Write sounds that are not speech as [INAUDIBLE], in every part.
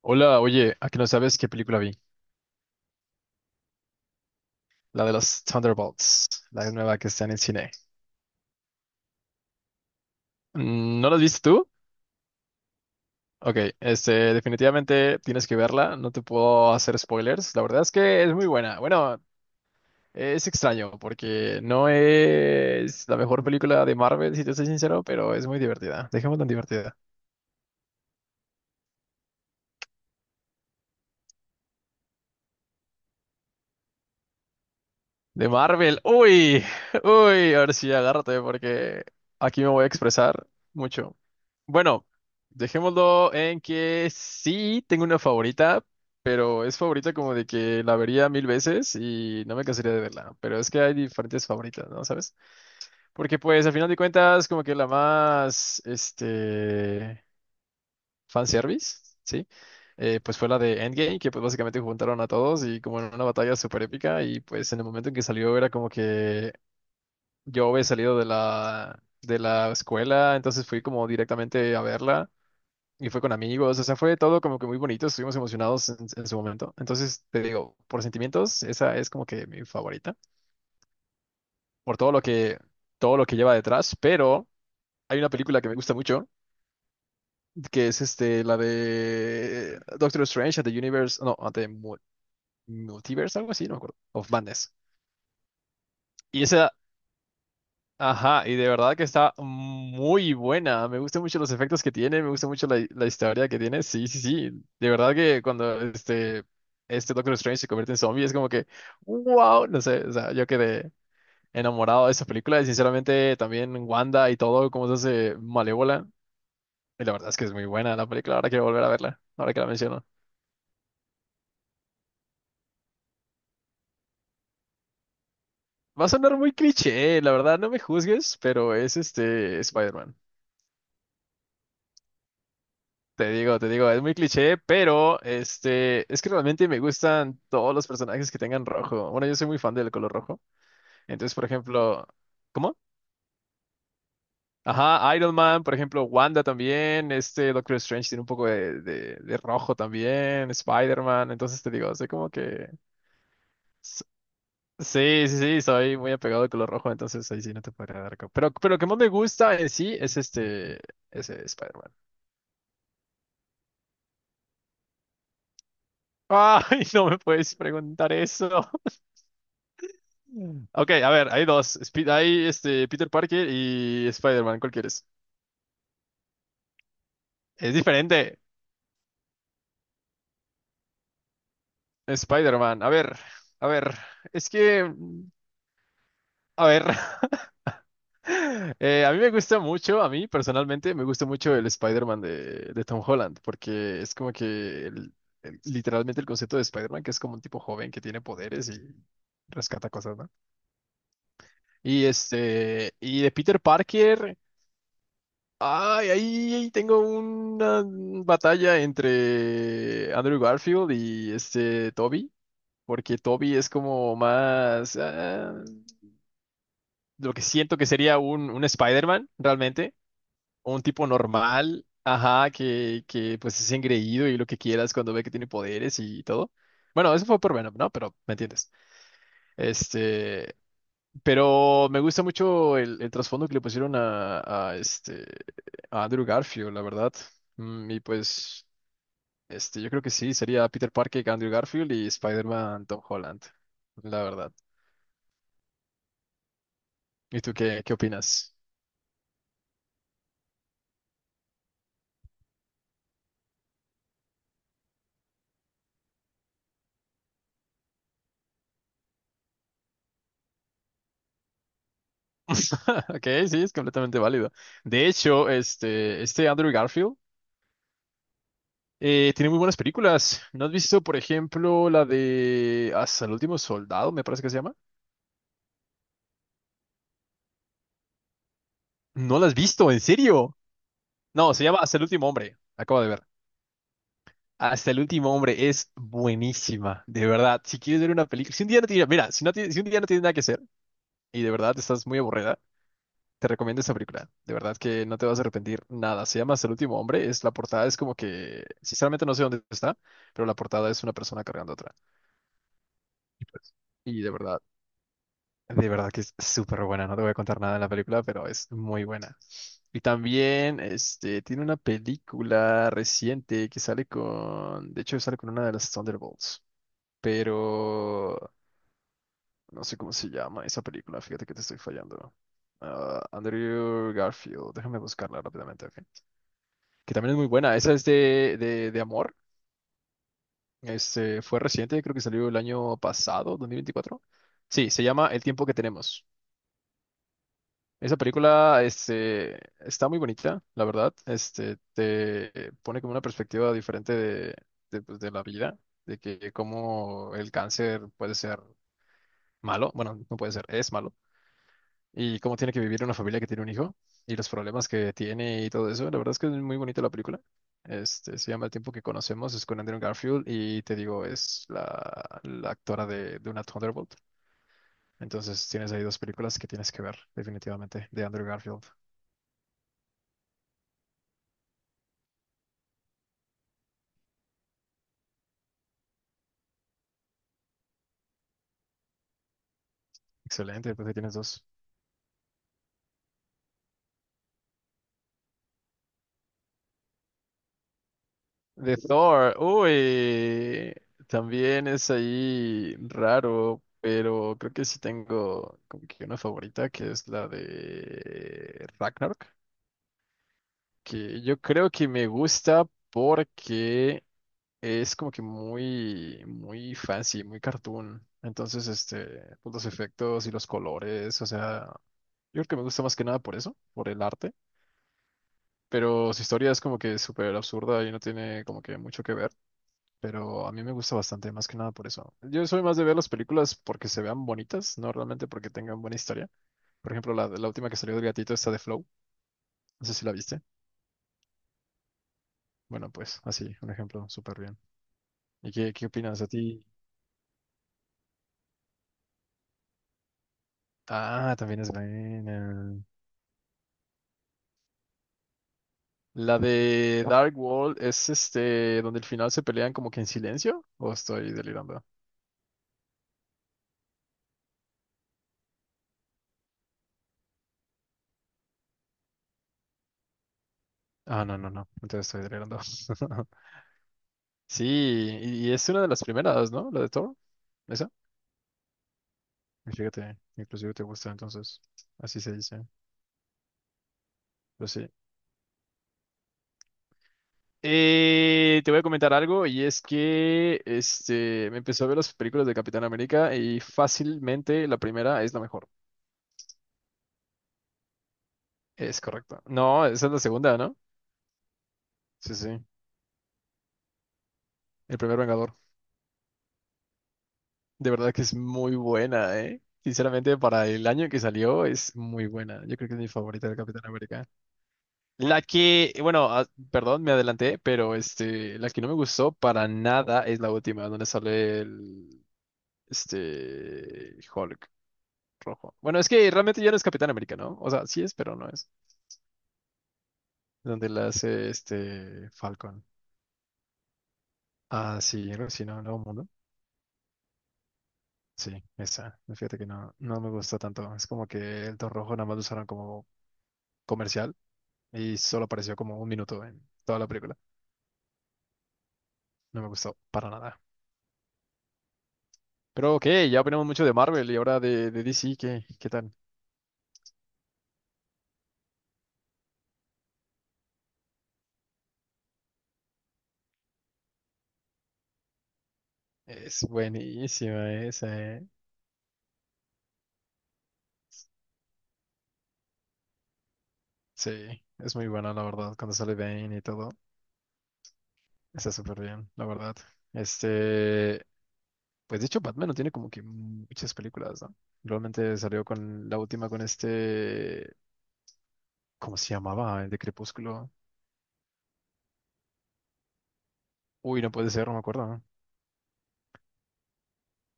Hola, oye, ¿a que no sabes qué película vi? La de los Thunderbolts, la nueva que está en el cine. Mm, ¿no la viste tú? Ok, definitivamente tienes que verla, no te puedo hacer spoilers. La verdad es que es muy buena. Bueno, es extraño porque no es la mejor película de Marvel, si te soy sincero, pero es muy divertida. Dejemos tan divertida. De Marvel. Uy, uy, a ver si agárrate porque aquí me voy a expresar mucho. Bueno, dejémoslo en que sí tengo una favorita, pero es favorita como de que la vería mil veces y no me cansaría de verla. Pero es que hay diferentes favoritas, ¿no? ¿Sabes? Porque pues al final de cuentas como que la más, fanservice, ¿sí? Pues fue la de Endgame, que pues básicamente juntaron a todos y como en una batalla súper épica y pues en el momento en que salió era como que yo había salido de la escuela, entonces fui como directamente a verla y fue con amigos, o sea, fue todo como que muy bonito, estuvimos emocionados en su momento. Entonces, te digo, por sentimientos, esa es como que mi favorita, por todo lo que lleva detrás, pero hay una película que me gusta mucho, que es la de Doctor Strange at the Universe, no, at the Multiverse, algo así, no me acuerdo, of Madness. Y esa. Ajá, y de verdad que está muy buena. Me gustan mucho los efectos que tiene, me gusta mucho la historia que tiene. Sí, sí, sí. De verdad que cuando este Doctor Strange se convierte en zombie es como que, wow, no sé, o sea, yo quedé enamorado de esa película y sinceramente también Wanda y todo, cómo se hace malévola. Y la verdad es que es muy buena la película, ahora quiero volver a verla, ahora que la menciono. Va a sonar muy cliché, la verdad, no me juzgues, pero es este Spider-Man. Te digo, es muy cliché, pero es que realmente me gustan todos los personajes que tengan rojo. Bueno, yo soy muy fan del color rojo. Entonces, por ejemplo, ¿cómo? Ajá, Iron Man, por ejemplo, Wanda también, este Doctor Strange tiene un poco de rojo también, Spider-Man, entonces te digo, soy como que... s- Sí, sí, sí, soy muy apegado al color rojo, entonces ahí sí no te podría dar... Pero lo que más me gusta en sí es ese Spider-Man. Ay, [LAUGHS] no me puedes preguntar eso. Ok, a ver, hay dos. Hay Peter Parker y Spider-Man, ¿cuál quieres? Es diferente. Spider-Man, a ver, a ver. Es que, a ver. [LAUGHS] A mí me gusta mucho, a mí personalmente, me gusta mucho el Spider-Man de Tom Holland, porque es como que literalmente el concepto de Spider-Man, que es como un tipo joven que tiene poderes y rescata cosas, ¿no? Y de Peter Parker. Ay, ahí tengo una batalla entre Andrew Garfield y este Toby, porque Toby es como más lo que siento que sería un Spider-Man realmente, un tipo normal, ajá, que pues es engreído y lo que quieras cuando ve que tiene poderes y todo. Bueno, eso fue por Venom, ¿no? Pero me entiendes. Este, Pero me gusta mucho el trasfondo que le pusieron a Andrew Garfield, la verdad. Y pues, yo creo que sí, sería Peter Parker, Andrew Garfield y Spider-Man Tom Holland, la verdad. ¿Y tú qué opinas? [LAUGHS] Ok, sí, es completamente válido. De hecho, este Andrew Garfield tiene muy buenas películas. ¿No has visto, por ejemplo, la de Hasta el último soldado, me parece que se llama? ¿No la has visto? ¿En serio? No, se llama Hasta el último hombre. Acabo de ver. Hasta el último hombre es buenísima, de verdad. Si quieres ver una película, si un día no tienes, mira, si, si un día no tienes nada que hacer y de verdad estás muy aburrida, te recomiendo esta película. De verdad que no te vas a arrepentir nada. Se llama Hasta el último hombre, es la portada es como que, sinceramente no sé dónde está, pero la portada es una persona cargando a otra. Y pues, y de verdad que es súper buena. No te voy a contar nada de la película, pero es muy buena. Y también, tiene una película reciente que sale con, de hecho, sale con una de las Thunderbolts, pero no sé cómo se llama esa película, fíjate que te estoy fallando. Ah, Andrew Garfield, déjame buscarla rápidamente, ok. Que también es muy buena, esa es de amor, fue reciente, creo que salió el año pasado, 2024. Sí, se llama El tiempo que tenemos. Esa película, está muy bonita, la verdad, te pone como una perspectiva diferente de la vida, de que cómo el cáncer puede ser malo, bueno, no puede ser, es malo y cómo tiene que vivir una familia que tiene un hijo y los problemas que tiene y todo eso. La verdad es que es muy bonita la película. Se llama El tiempo que conocemos, es con Andrew Garfield y te digo, es la actora de una Thunderbolt. Entonces tienes ahí dos películas que tienes que ver, definitivamente, de Andrew Garfield. Excelente, pues ahí tienes dos. De Thor, uy, también es ahí raro, pero creo que sí tengo como que una favorita que es la de Ragnarok, que yo creo que me gusta porque es como que muy, muy fancy, muy cartoon. Entonces, pues, los efectos y los colores, o sea, yo creo que me gusta más que nada por eso, por el arte. Pero su historia es como que súper absurda y no tiene como que mucho que ver. Pero a mí me gusta bastante, más que nada por eso. Yo soy más de ver las películas porque se vean bonitas, no realmente porque tengan buena historia. Por ejemplo, la última que salió del gatito, esta de Flow. No sé si la viste. Bueno, pues así, un ejemplo súper bien. ¿Y qué opinas a ti? Ah, también es buena. La de Dark World es donde al final se pelean como que en silencio, ¿o estoy delirando? Ah, no, no, no, entonces estoy delirando. [LAUGHS] Sí, y es una de las primeras, ¿no? La de Thor, esa. Y fíjate, inclusive te gusta, entonces, así se dice, pero sí. Te voy a comentar algo y es que me empezó a ver las películas de Capitán América y fácilmente la primera es la mejor. Es correcto. No, esa es la segunda, ¿no? Sí, sí. El primer Vengador. De verdad que es muy buena, ¿eh? Sinceramente, para el año en que salió, es muy buena. Yo creo que es mi favorita de Capitán América. La que, bueno, perdón, me adelanté, pero la que no me gustó para nada es la última, donde sale el, Hulk rojo. Bueno, es que realmente ya no es Capitán América, ¿no? O sea, sí es, pero no es. Donde la hace este Falcon. Ah, sí, algo así, no, no, sí, esa. Fíjate que no, no me gustó tanto. Es como que el Don Rojo nada más lo usaron como comercial y solo apareció como un minuto en toda la película. No me gustó para nada. Pero ok, ya opinamos mucho de Marvel y ahora de DC, ¿qué tal? Es buenísima esa, ¿eh? Sí, es muy buena, la verdad. Cuando sale Bane y todo, está súper bien, la verdad. Este, pues de hecho, Batman no tiene como que muchas películas, ¿no? Realmente salió con la última con este. ¿Cómo se llamaba? El de Crepúsculo. Uy, no puede ser, no me acuerdo, ¿no?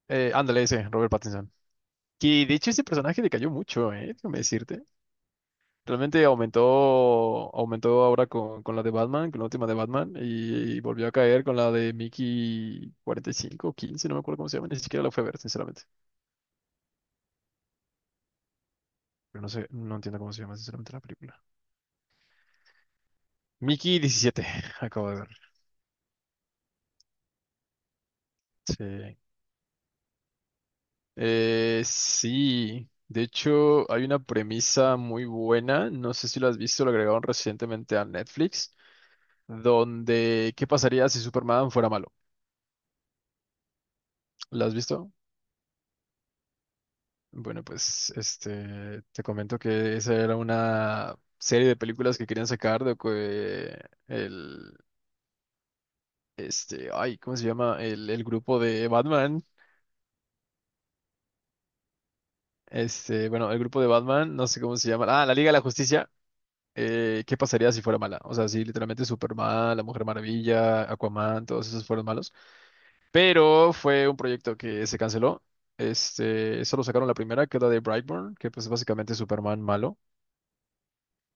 Ándale, ese, Robert Pattinson. Que de hecho ese personaje decayó mucho, ¿eh? Déjame decirte. Realmente aumentó ahora con la de Batman, con la última de Batman, y volvió a caer con la de Mickey 45 o 15, no me acuerdo cómo se llama, ni siquiera la fue a ver, sinceramente. Pero no sé, no entiendo cómo se llama, sinceramente, la película. Mickey 17, [LAUGHS] acabo de ver. Sí. Sí. De hecho, hay una premisa muy buena, no sé si la has visto, lo agregaron recientemente a Netflix donde ¿qué pasaría si Superman fuera malo? ¿La has visto? Bueno, pues te comento que esa era una serie de películas que querían sacar de que el ay, ¿cómo se llama? El grupo de Batman. Bueno, el grupo de Batman, no sé cómo se llama. Ah, la Liga de la Justicia. ¿Qué pasaría si fuera mala? O sea, si literalmente Superman, la Mujer Maravilla, Aquaman, todos esos fueron malos. Pero fue un proyecto que se canceló. Solo sacaron la primera, que es la de Brightburn, que pues es básicamente Superman malo.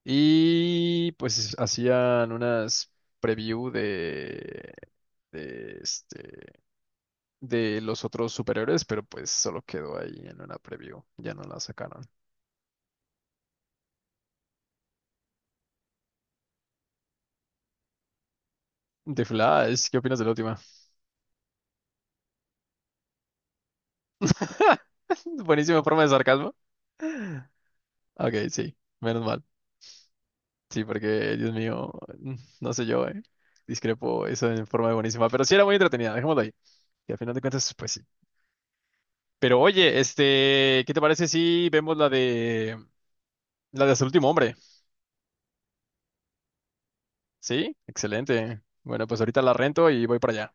Y pues hacían unas preview de, este, de los otros superhéroes, pero pues solo quedó ahí en una preview. Ya no la sacaron. The Flash, ¿qué opinas de la última? [LAUGHS] Buenísima forma de sarcasmo. Ok, sí, menos mal. Sí, porque, Dios mío, mm, no sé yo. Discrepo eso en forma de buenísima, pero sí era muy entretenida, dejémoslo ahí. Y al final de cuentas, pues sí. Pero oye, ¿qué te parece si vemos la de Hasta el último hombre? Sí, excelente. Bueno, pues ahorita la rento y voy para allá.